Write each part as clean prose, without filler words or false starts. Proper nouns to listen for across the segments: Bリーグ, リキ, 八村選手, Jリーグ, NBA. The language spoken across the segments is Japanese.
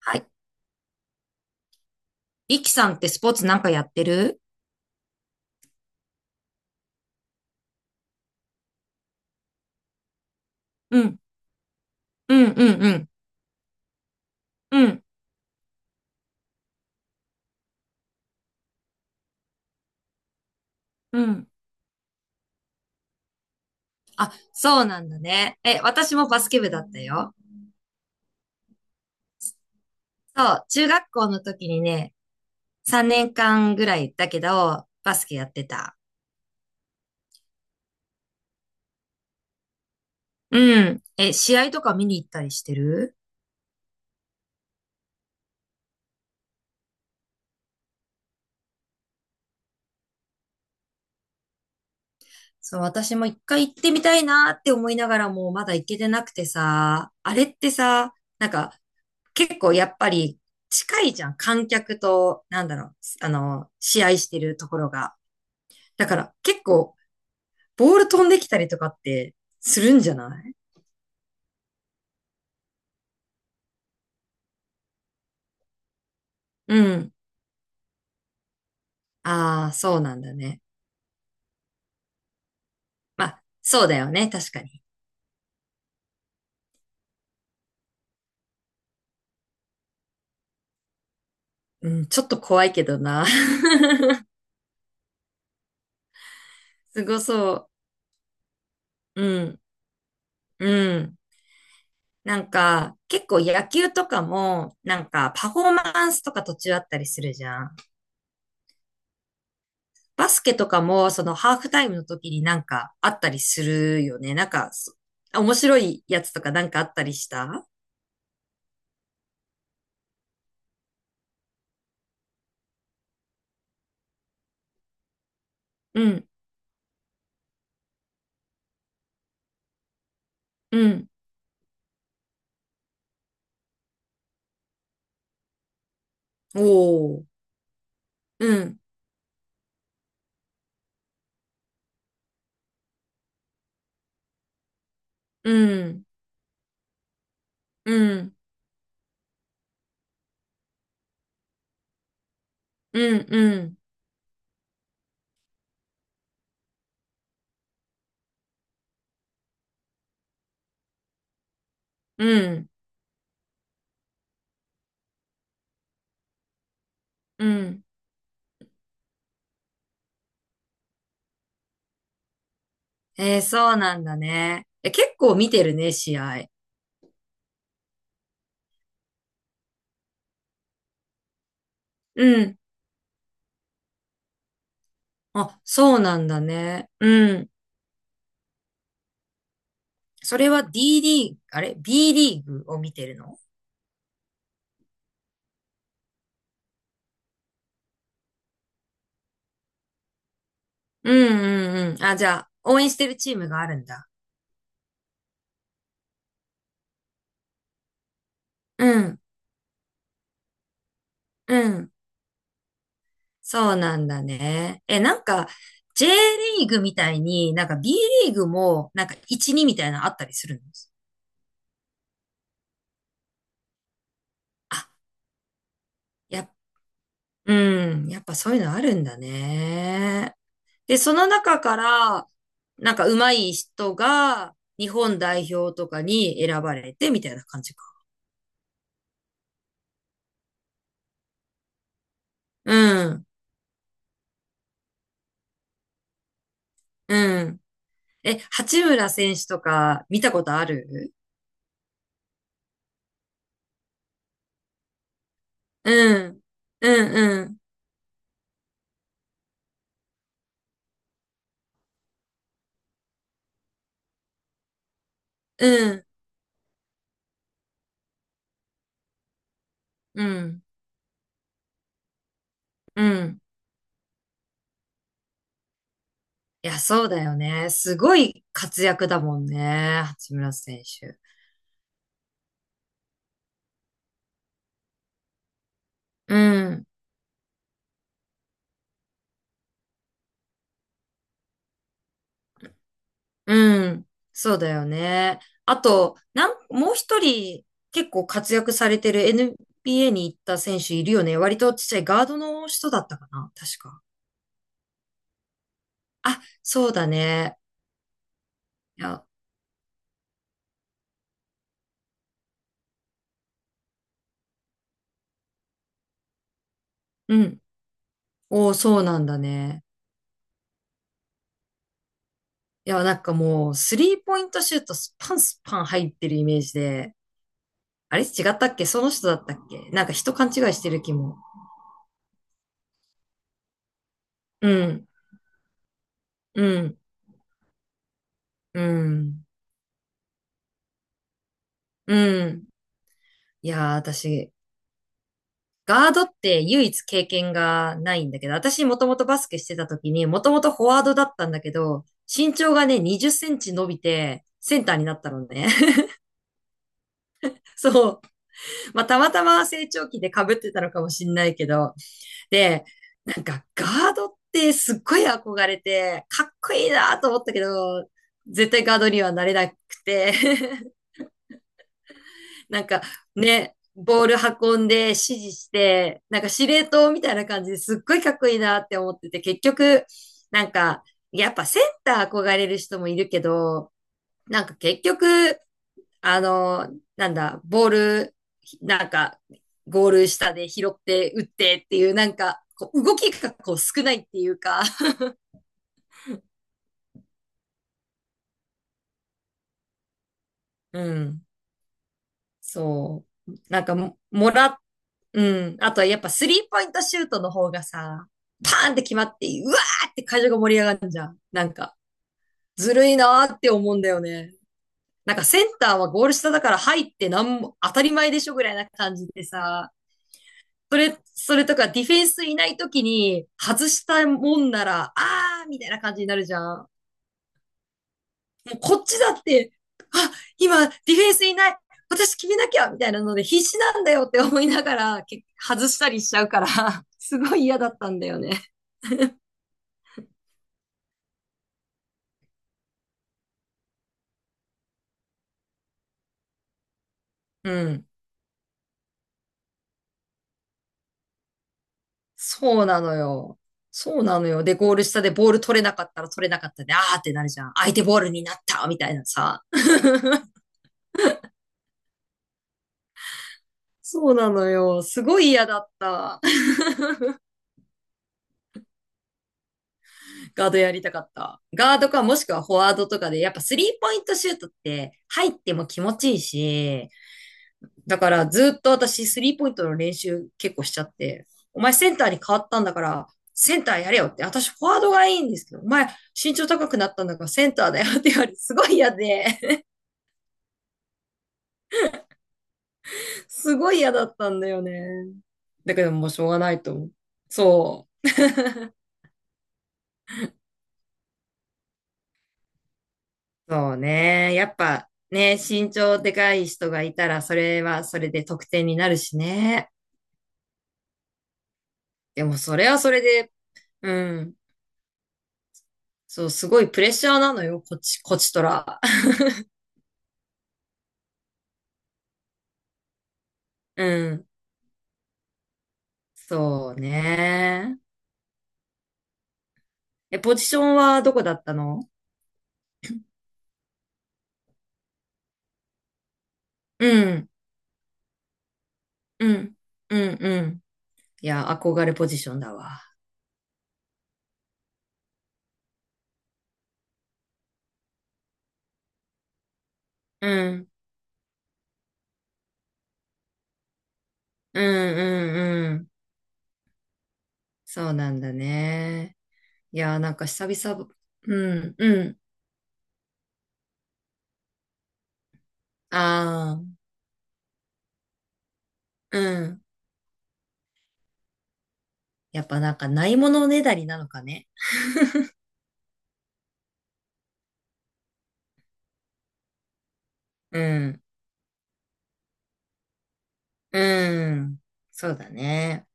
はい。リキさんってスポーツなんかやってる？うん、うん、うん、うん、うん、うん。そうなんだね。え、私もバスケ部だったよ。そう、中学校の時にね、3年間ぐらいだけど、バスケやってた。うん。え、試合とか見に行ったりしてる？そう、私も一回行ってみたいなって思いながらもまだ行けてなくてさ、あれってさ、なんか結構やっぱり近いじゃん。観客と、なんだろう、あの、試合してるところが。だから結構、ボール飛んできたりとかってするんじゃない？うん。ああ、そうなんだね。まあ、そうだよね。確かに。うん、ちょっと怖いけどな。すごそう。うん、うん。なんか、結構野球とかも、なんかパフォーマンスとか途中あったりするじゃん。バスケとかも、そのハーフタイムの時になんかあったりするよね。なんか、面白いやつとかなんかあったりした？うん、うん。おー。うん。うん、うん、うん、うん、うん、うん。そうなんだね。え、結構見てるね、試合。うん。あ、そうなんだね。うん。それは D リーグ、あれ？ B リーグを見てるの？うんうんうん。あ、じゃあ、応援してるチームがあるんだ。うん、うん。そうなんだね。え、なんか、J リーグみたいに、なんか B リーグも、なんか1、2みたいなのあったりするの？あ、やっうん。やっぱそういうのあるんだね。で、その中から、なんか上手い人が日本代表とかに選ばれてみたいな感じか。うん。うん。え、八村選手とか見たことある？うん。うんうん。うん。うん。うん。いや、そうだよね。すごい活躍だもんね。八村選手。うん。うん。そうだよね。あと、もう一人結構活躍されてる NBA に行った選手いるよね。割とちっちゃいガードの人だったかな。確か。あ、そうだね。いや、うん。おーそうなんだね。いや、なんかもう、スリーポイントシュートスパンスパン入ってるイメージで。あれ違ったっけその人だったっけなんか人勘違いしてる気も。うん、うん、うん、うん。いやー、私、ガードって唯一経験がないんだけど、私もともとバスケしてた時に、もともとフォワードだったんだけど、身長がね、20センチ伸びて、センターになったのね。そう。まあ、たまたま成長期で被ってたのかもしんないけど。で、なんかガードってすっごい憧れて、かっこいいなと思ったけど、絶対ガードにはなれなくて なんかね、ボール運んで指示して、なんか司令塔みたいな感じですっごいかっこいいなって思ってて、結局、なんか、やっぱセンター憧れる人もいるけど、なんか結局、あの、なんだ、ボール、なんか、ゴール下で拾って打ってっていう、なんか、こう動きがこう少ないっていうか、うん、そう。なんかも、もらっうん。あとはやっぱスリーポイントシュートの方がさ、パーンって決まって、うわーって会場が盛り上がるじゃん。なんか、ずるいなーって思うんだよね。なんかセンターはゴール下だから入ってなんも当たり前でしょぐらいな感じでさ、それとかディフェンスいない時に外したもんなら、あーみたいな感じになるじゃん。もうこっちだって、あ、今ディフェンスいない。私決めなきゃみたいなので必死なんだよって思いながら、外したりしちゃうから、すごい嫌だったんだよね。うん。そうなのよ。そうなのよ。で、ゴール下でボール取れなかったら取れなかったで、あーってなるじゃん。相手ボールになったみたいなさ。そうなのよ。すごい嫌だった。ガードやりたかった。ガードかもしくはフォワードとかで、やっぱスリーポイントシュートって入っても気持ちいいし、だからずっと私スリーポイントの練習結構しちゃって、お前センターに変わったんだから、センターやれよって、私フォワードがいいんですけど、お前身長高くなったんだからセンターだよって言われて、すごい嫌で。すごい嫌だったんだよね。だけどもうしょうがないと思う。そう。そうね。やっぱね、身長でかい人がいたら、それはそれで得点になるしね。でもそれはそれで、うん。そう、すごいプレッシャーなのよ、こっち、こちとら。うん。そうね。え、ポジションはどこだったの？うん。うん。うん。うん。いや、憧れポジションだわ。うん。うん。うん。うん。そうなんだね。いやーなんか久々、うん、うん。ああ、うん。やっぱなんかないものねだりなのかね。うん、うん。そうだね。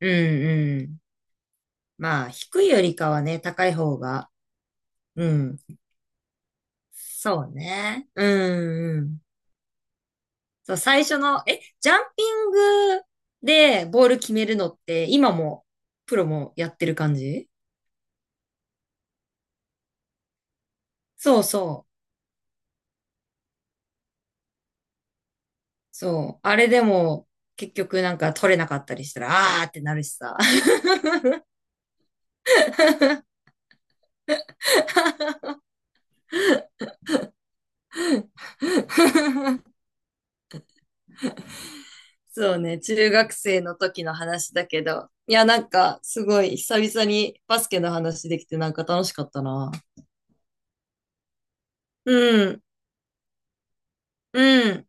うん、うん。まあ、低いよりかはね、高い方が、うん。そうね。うん、うん。そう、最初の、え、ジャンピングでボール決めるのって、今も、プロもやってる感じ？そうそう。そう。あれでも、結局なんか取れなかったりしたら、あーってなるしさ。そうね、中学生の時の話だけど。いや、なんか、すごい、久々にバスケの話できて、なんか楽しかったな。うん、うん。